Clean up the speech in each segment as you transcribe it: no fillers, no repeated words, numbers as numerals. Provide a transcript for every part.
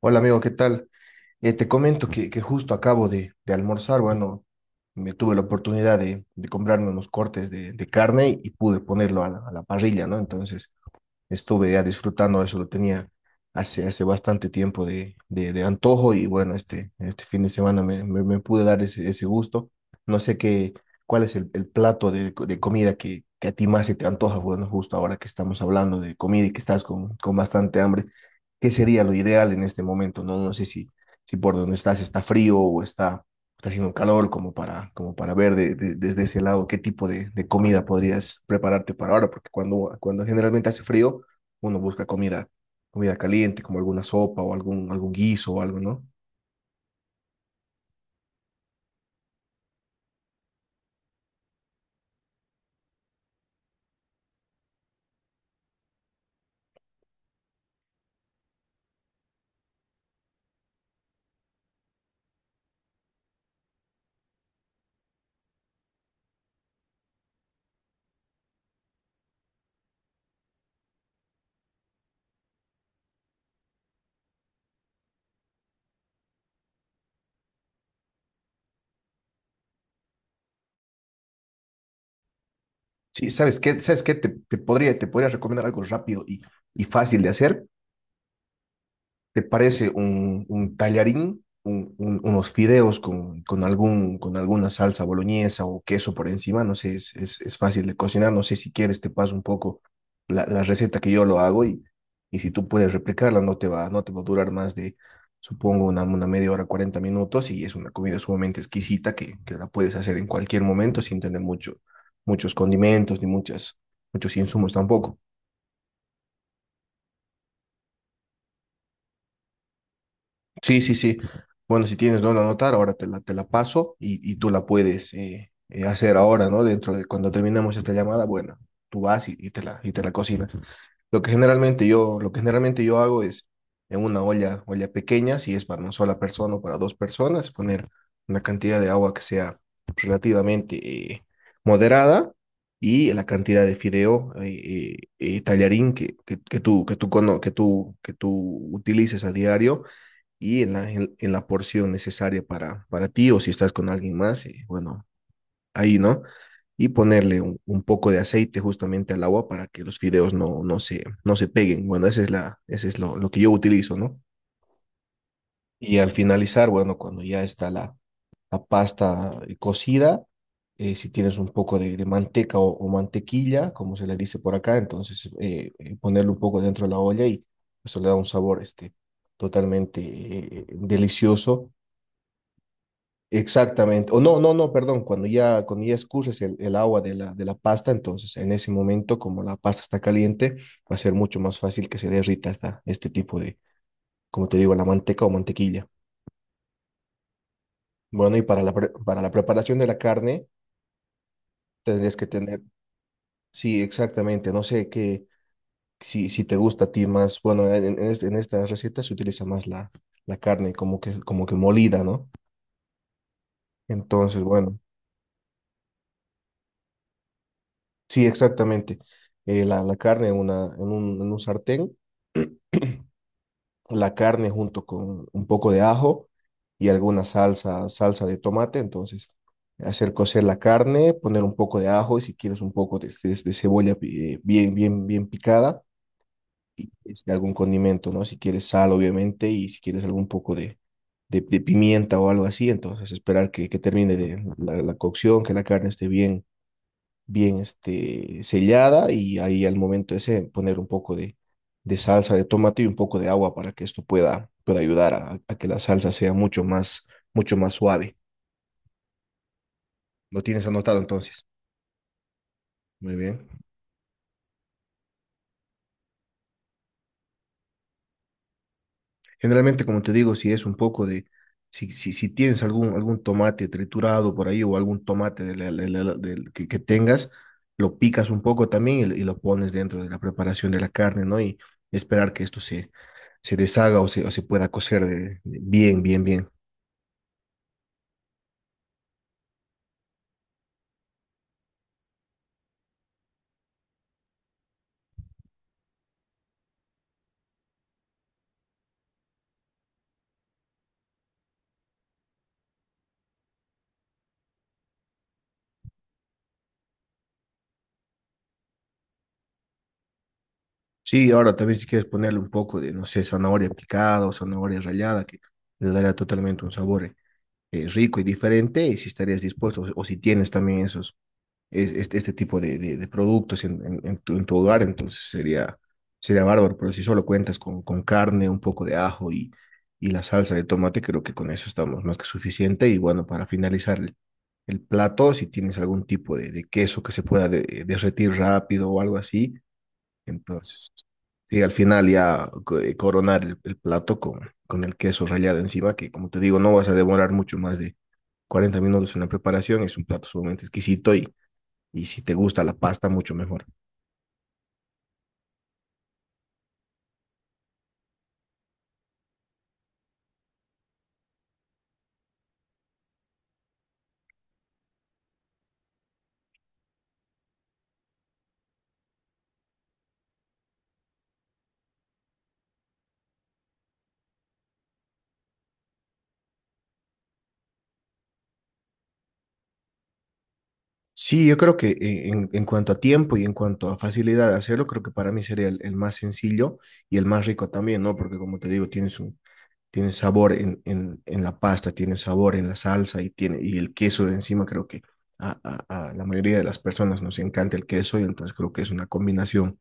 Hola amigo, ¿qué tal? Te comento que justo acabo de almorzar, bueno, me tuve la oportunidad de comprarme unos cortes de carne y pude ponerlo a la parrilla, ¿no? Entonces estuve ya disfrutando eso, lo tenía hace bastante tiempo de antojo y bueno, este fin de semana me pude dar ese gusto. No sé cuál es el plato de comida que a ti más se te antoja, bueno, justo ahora que estamos hablando de comida y que estás con bastante hambre, ¿qué sería lo ideal en este momento? No sé si por donde estás está frío o está haciendo calor, como para ver desde ese lado qué tipo de comida podrías prepararte para ahora, porque cuando generalmente hace frío, uno busca comida caliente, como alguna sopa o algún guiso o algo, ¿no? Sí, ¿sabes qué? ¿Sabes qué? Te podría recomendar algo rápido y fácil de hacer. ¿Te parece un tallarín, unos fideos con alguna salsa boloñesa o queso por encima? No sé, es fácil de cocinar. No sé si quieres, te paso un poco la receta que yo lo hago y si tú puedes replicarla, no te va a durar más de, supongo, una media hora, 40 minutos, y es una comida sumamente exquisita que la puedes hacer en cualquier momento sin tener muchos condimentos ni muchos insumos tampoco. Sí, sí, sí. Bueno, si tienes dónde anotar, ahora te la paso y tú la puedes hacer ahora, ¿no? Dentro de cuando terminemos esta llamada, bueno, tú vas y te la cocinas. Lo que generalmente yo hago es en una olla pequeña, si es para una sola persona o para dos personas, poner una cantidad de agua que sea relativamente moderada, y la cantidad de fideo, tallarín, que que tú utilices a diario, y en la porción necesaria para ti o si estás con alguien más, y bueno, ahí, ¿no? Y ponerle un poco de aceite justamente al agua para que los fideos no se peguen. Bueno, ese es lo que yo utilizo, ¿no? Y al finalizar, bueno, cuando ya está la pasta cocida, si tienes un poco de manteca o mantequilla, como se le dice por acá, entonces ponerle un poco dentro de la olla y eso le da un sabor este, totalmente delicioso. Exactamente. O no, no, no, perdón. Cuando ya escurres el agua de la pasta, entonces en ese momento, como la pasta está caliente, va a ser mucho más fácil que se derrita este tipo de, como te digo, la manteca o mantequilla. Bueno, y para la preparación de la carne, tendrías que tener, sí, exactamente. No sé si te gusta a ti más, bueno, en esta receta se utiliza más la carne como que molida, ¿no? Entonces, bueno, sí, exactamente. La carne en un sartén. La carne junto con un poco de ajo y alguna salsa de tomate. Entonces, hacer cocer la carne, poner un poco de ajo y si quieres un poco de cebolla, bien, bien, bien picada, y este, algún condimento, ¿no? Si quieres sal, obviamente, y si quieres algún poco de pimienta o algo así. Entonces, esperar que termine de la cocción, que la carne esté bien bien este, sellada, y ahí al momento ese poner un poco de salsa de tomate y un poco de agua para que esto pueda ayudar a que la salsa sea mucho más suave. ¿Lo tienes anotado entonces? Muy bien. Generalmente, como te digo, si es un poco de, si, si, si tienes algún tomate triturado por ahí o algún tomate del que tengas, lo picas un poco también y lo pones dentro de la preparación de la carne, ¿no? Y esperar que esto se se deshaga o se pueda cocer, de- bien, bien, bien. Sí, ahora también si quieres ponerle un poco de, no sé, zanahoria picada o zanahoria rallada, que le daría totalmente un sabor rico y diferente, y si estarías dispuesto o si tienes también esos este tipo de productos en tu hogar, entonces sería bárbaro, pero si solo cuentas con carne, un poco de ajo y la salsa de tomate, creo que con eso estamos más que suficiente. Y bueno, para finalizar el plato, si tienes algún tipo de queso que se pueda derretir rápido o algo así, entonces. Y al final ya coronar el plato con el queso rallado encima, que como te digo, no vas a demorar mucho más de 40 minutos en la preparación. Es un plato sumamente exquisito y si te gusta la pasta, mucho mejor. Sí, yo creo que en cuanto a tiempo y en cuanto a facilidad de hacerlo, creo que para mí sería el más sencillo y el más rico también, ¿no? Porque como te digo, tiene sabor en la pasta, tiene sabor en la salsa, y el queso de encima creo que a, a la mayoría de las personas nos encanta el queso, y entonces creo que es una combinación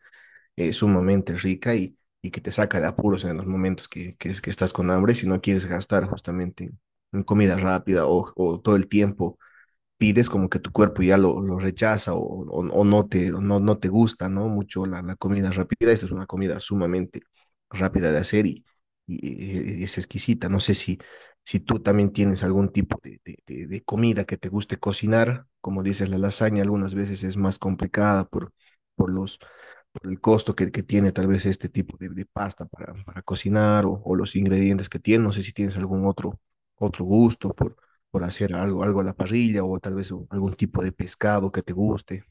sumamente rica, y que te saca de apuros en los momentos que estás con hambre, si no quieres gastar justamente en comida rápida, o todo el tiempo pides como que tu cuerpo ya lo rechaza, o no te, o no, no te gusta, ¿no? Mucho la comida rápida. Esta es una comida sumamente rápida de hacer, y es exquisita. No sé si tú también tienes algún tipo de comida que te guste cocinar. Como dices, la lasaña algunas veces es más complicada por los, por el costo que tiene tal vez este tipo de pasta para cocinar, o los ingredientes que tiene. No sé si tienes algún otro gusto por hacer algo a la parrilla o tal vez algún tipo de pescado que te guste.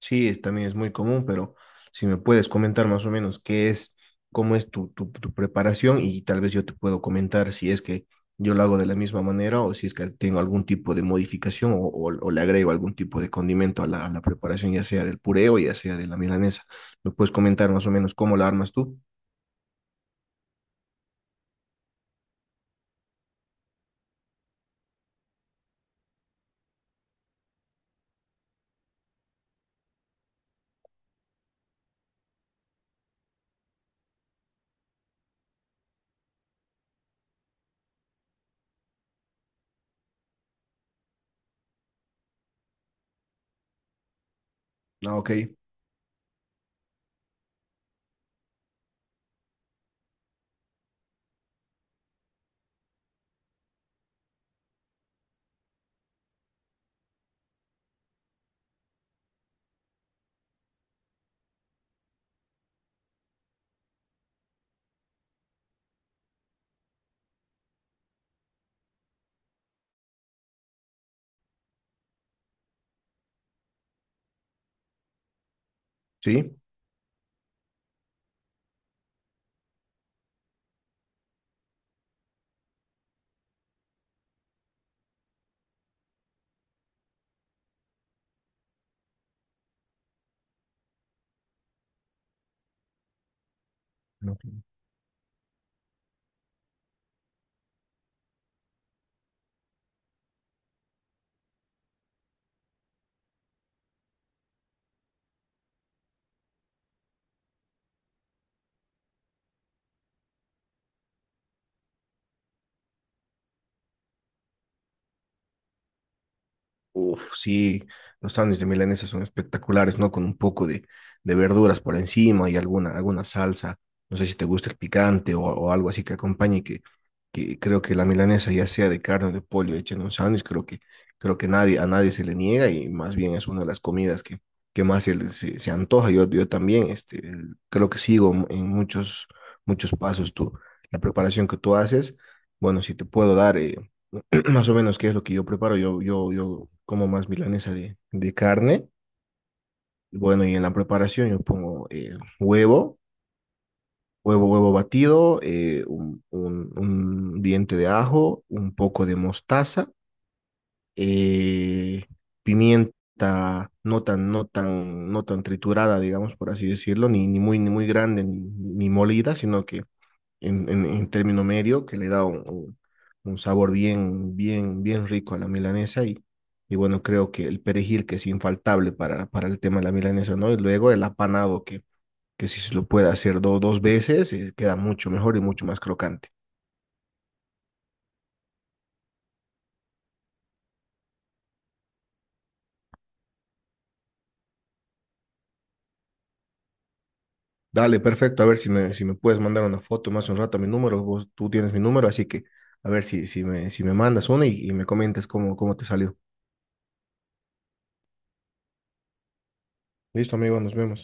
Sí, también es muy común, pero si me puedes comentar más o menos cómo es tu preparación, y tal vez yo te puedo comentar si es que yo lo hago de la misma manera o si es que tengo algún tipo de modificación, o le agrego algún tipo de condimento a la preparación, ya sea del puré o ya sea de la milanesa. ¿Me puedes comentar más o menos cómo la armas tú? Ah, ok, sí. Ok. Uf, sí, los sándwiches de milanesa son espectaculares, ¿no? Con un poco de verduras por encima y alguna salsa. No sé si te gusta el picante o algo así que acompañe, que creo que la milanesa, ya sea de carne o de pollo, hecha en un sándwich, creo que nadie, a nadie se le niega, y más bien es una de las comidas que más se antoja. Yo también, este, creo que sigo en muchos pasos tú, la preparación que tú haces. Bueno, si te puedo dar. Más o menos, ¿qué es lo que yo preparo? Yo como más milanesa de carne. Bueno, y en la preparación yo pongo huevo, batido, un diente de ajo, un poco de mostaza, eh, pimienta no tan triturada, digamos, por así decirlo, ni muy, ni muy grande, ni molida, sino que en término medio, que le da un sabor bien, bien, bien rico a la milanesa, y bueno, creo que el perejil que es infaltable para el tema de la milanesa, ¿no? Y luego el apanado, que si se lo puede hacer dos veces, queda mucho mejor y mucho más crocante. Dale, perfecto, a ver si me puedes mandar una foto más un rato a mi número, tú tienes mi número, así que a ver si me mandas una, y me comentas cómo te salió. Listo, amigo, nos vemos.